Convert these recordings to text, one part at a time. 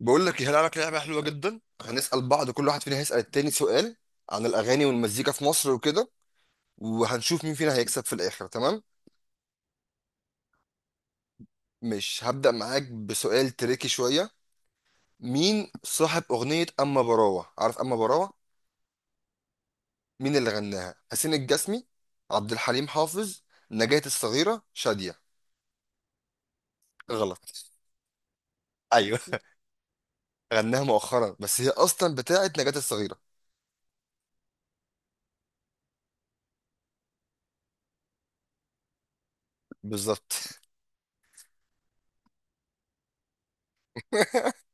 بقول لك إيه، هلعب لك لعبه حلوه جدا. هنسال بعض، كل واحد فينا هيسال التاني سؤال عن الاغاني والمزيكا في مصر وكده، وهنشوف مين فينا هيكسب في الاخر. تمام. مش هبدا معاك بسؤال تريكي شويه. مين صاحب اغنيه اما براوه؟ عارف اما براوه؟ مين اللي غناها؟ حسين الجسمي، عبد الحليم حافظ، نجاة الصغيره، شاديه؟ غلط. ايوه. غناها مؤخرا، بس هي اصلا بتاعت نجاة الصغيره. بالظبط.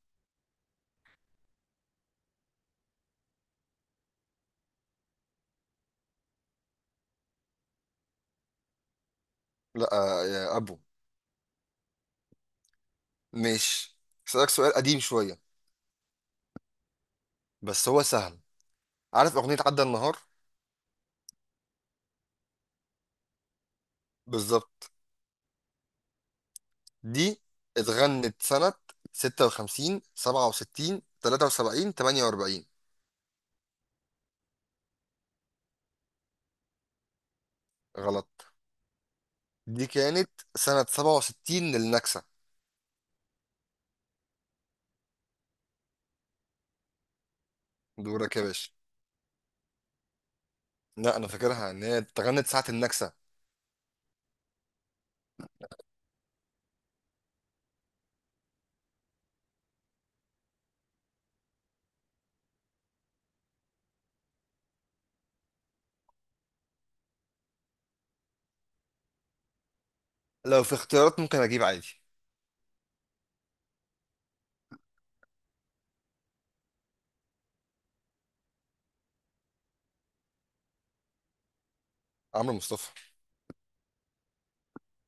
لا، يا ابو. مش هسألك سؤال قديم شويه بس هو سهل. عارف اغنية عدى النهار؟ بالظبط. دي اتغنت سنة 56، 67، 73، 48؟ غلط. دي كانت سنة 67 للنكسة. دورك يا باشا. لا، انا فاكرها ان هي اتغنت ساعة النكسة. لو في اختيارات ممكن اجيب عادي. عمرو مصطفى.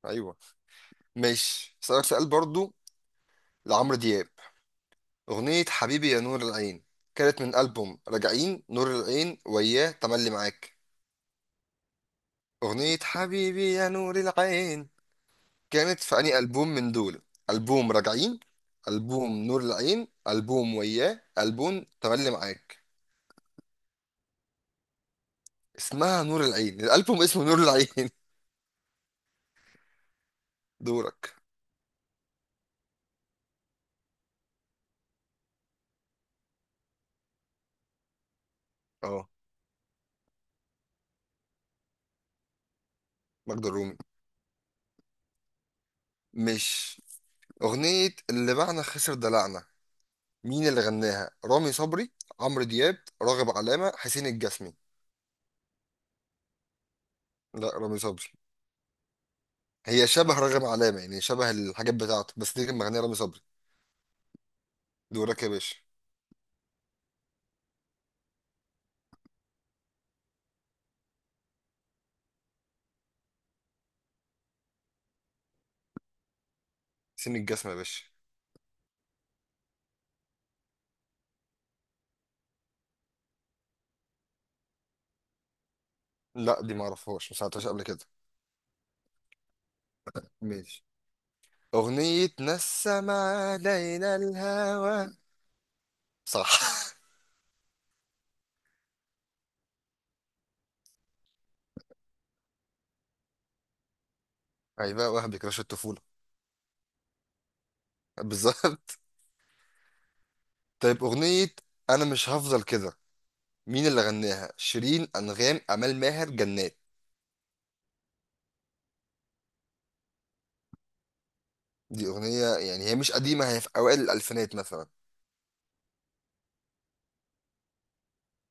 ايوه. ماشي، اسالك سؤال برضو. لعمرو دياب اغنية حبيبي يا نور العين، كانت من ألبوم راجعين، نور العين، وياه، تملي معاك؟ أغنية حبيبي يا نور العين كانت في أنهي ألبوم من دول؟ ألبوم راجعين، ألبوم نور العين، ألبوم وياه، ألبوم تملي معاك؟ اسمها نور العين، الألبوم اسمه نور العين. دورك. اه. مجد الرومي. مش أغنية اللي باعنا خسر دلعنا، مين اللي غناها؟ رامي صبري، عمرو دياب، راغب علامة، حسين الجسمي؟ لا، رامي صبري. هي شبه راغب علامة، يعني شبه الحاجات بتاعته، بس دي كان مغنيها رامي صبري. دورك يا باشا. حسين الجسمي يا باشا. لا، دي ما اعرفهاش، ما سمعتهاش قبل كده. ماشي. اغنية نسم علينا الهوى. صح. ايوه وهبي كراش الطفولة. بالظبط. طيب اغنية انا مش هفضل كده، مين اللي غناها؟ شيرين، انغام، امال ماهر، جنات؟ دي اغنية يعني هي مش قديمة، هي في اوائل الالفينات مثلا.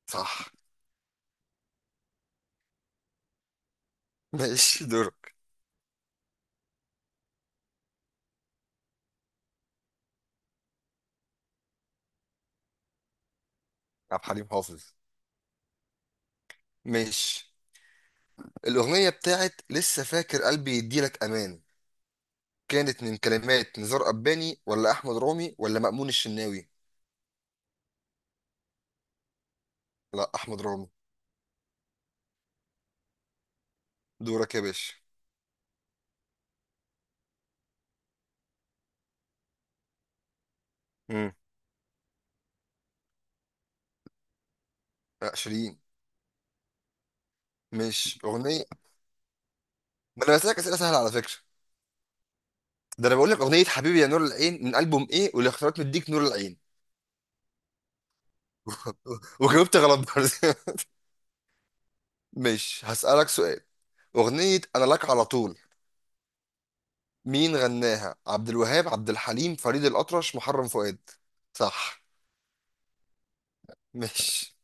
صح. ماشي، دورك. عبد الحليم حافظ. ماشي. الاغنية بتاعت لسه فاكر قلبي يديلك امان كانت من كلمات نزار قباني ولا احمد رامي ولا مأمون الشناوي؟ لا، احمد رامي. دورك يا باشا. امم. لا، شيرين. مش اغنيه. ما انا بسالك اسئله سهله على فكره. ده انا بقول لك اغنيه حبيبي يا نور العين من البوم ايه، والاختيارات مديك نور العين. وجاوبت غلط برضه. مش هسالك سؤال. اغنيه انا لك على طول، مين غناها؟ عبد الوهاب، عبد الحليم، فريد الاطرش، محرم فؤاد؟ صح. مش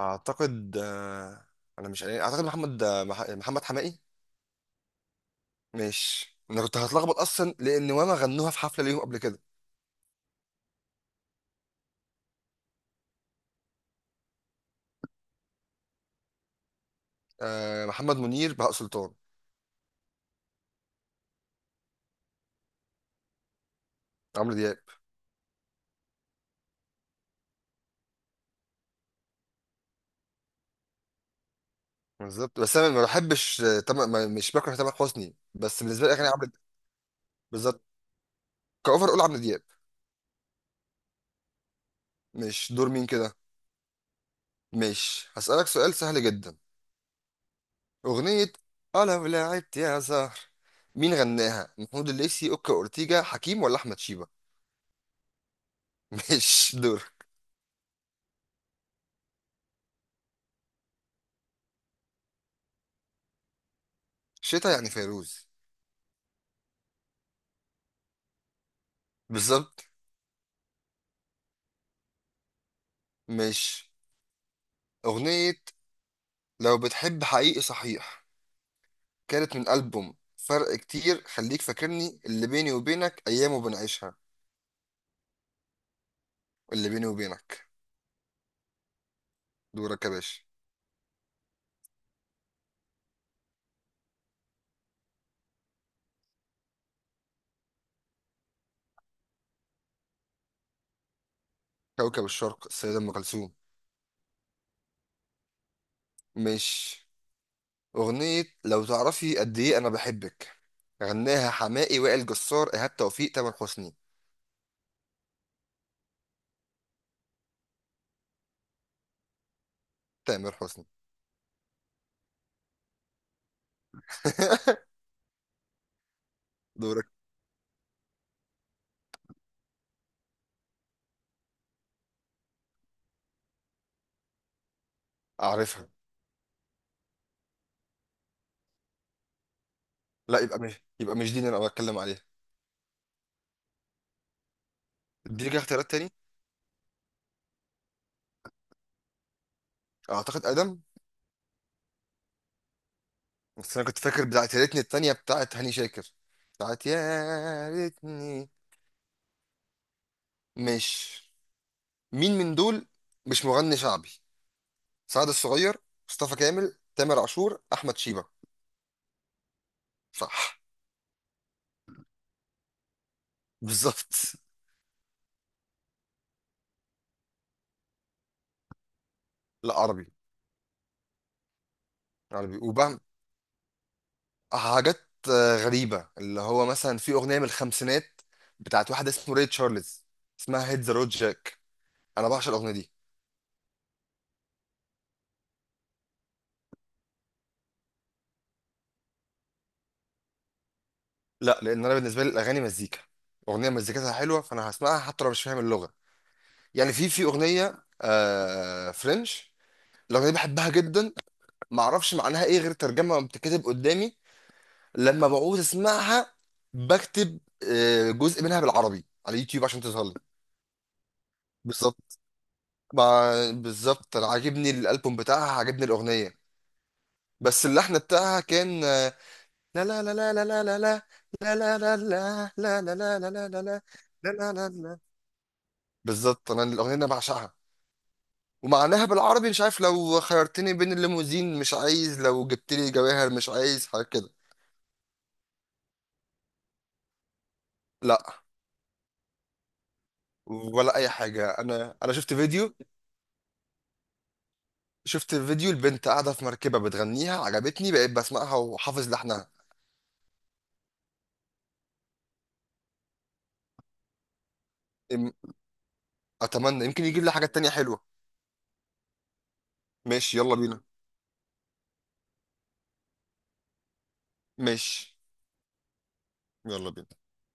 اعتقد انا مش عارف. اعتقد محمد محمد حماقي. مش انا كنت هتلخبط اصلا لان واما غنوها في حفله ليهم قبل كده. محمد منير، بهاء سلطان. عمرو دياب. بالظبط، بس انا ما بحبش، آه، تم... ما- مش بكره تامر حسني، بس بالنسبه لي اغاني عمرو دياب. بالظبط. كاوفر اقول عمرو دياب. مش دور مين كده. مش هسالك سؤال سهل جدا. اغنيه اه لو لعبت يا زهر، مين غناها؟ محمود الليثي، اوكا اورتيجا، حكيم ولا احمد شيبه؟ مش دور. شتا يعني فيروز. بالظبط. مش اغنيه لو بتحب حقيقي صحيح، كانت من ألبوم فرق كتير، خليك فاكرني، اللي بيني وبينك، أيام بنعيشها؟ اللي بيني وبينك. دورك يا باشا. كوكب الشرق السيدة أم كلثوم. مش أغنية لو تعرفي قد إيه أنا بحبك، غناها حماقي، وائل جسار، إيهاب توفيق، تامر حسني؟ تامر حسني. دورك. أعرفها. لا، يبقى مش دي اللي أنا بتكلم عليها. اديني كده اختيارات تاني. أعتقد أدم. بس أنا كنت فاكر بتاعت يا ريتني التانية بتاعت هاني شاكر، بتاعت يا ريتني. مش مين من دول، مش مغني شعبي؟ سعد الصغير، مصطفى كامل، تامر عاشور، احمد شيبة؟ صح. بالظبط. لا، عربي. عربي وبهم حاجات غريبة، اللي هو مثلا في أغنية من الخمسينات بتاعت واحد اسمه ري تشارلز، اسمها هيد ذا رود جاك. أنا بعشق الأغنية دي. لا، لأن أنا بالنسبة لي الأغاني مزيكا. أغنية مزيكتها حلوة فأنا هسمعها حتى لو مش فاهم اللغة. يعني في أغنية آه فرنش، الأغنية دي بحبها جدا. معرفش معناها إيه غير ترجمة بتتكتب قدامي. لما بعوز اسمعها بكتب جزء منها بالعربي على يوتيوب عشان تظهر لي. بالظبط. بالظبط، انا عاجبني الالبوم بتاعها، عاجبني الاغنيه، بس اللحن بتاعها كان لا لا لا لا لا لا لا، لا لا لا لا، لا لا لا لا لا لا لا لا. لا لا لا لا بالظبط، انا الاغنيه انا بعشقها. ومعناها بالعربي مش عارف، لو خيرتني بين الليموزين مش عايز، لو جبت لي جواهر مش عايز حاجه كده. لا، ولا اي حاجه. انا شفت فيديو، شفت فيديو البنت قاعدة في مركبة بتغنيها، عجبتني بقيت بسمعها وحافظ لحنها. أم- أتمنى يمكن يجيب لي حاجات تانية حلوة. ماشي يلا بينا. ماشي. يلا بينا.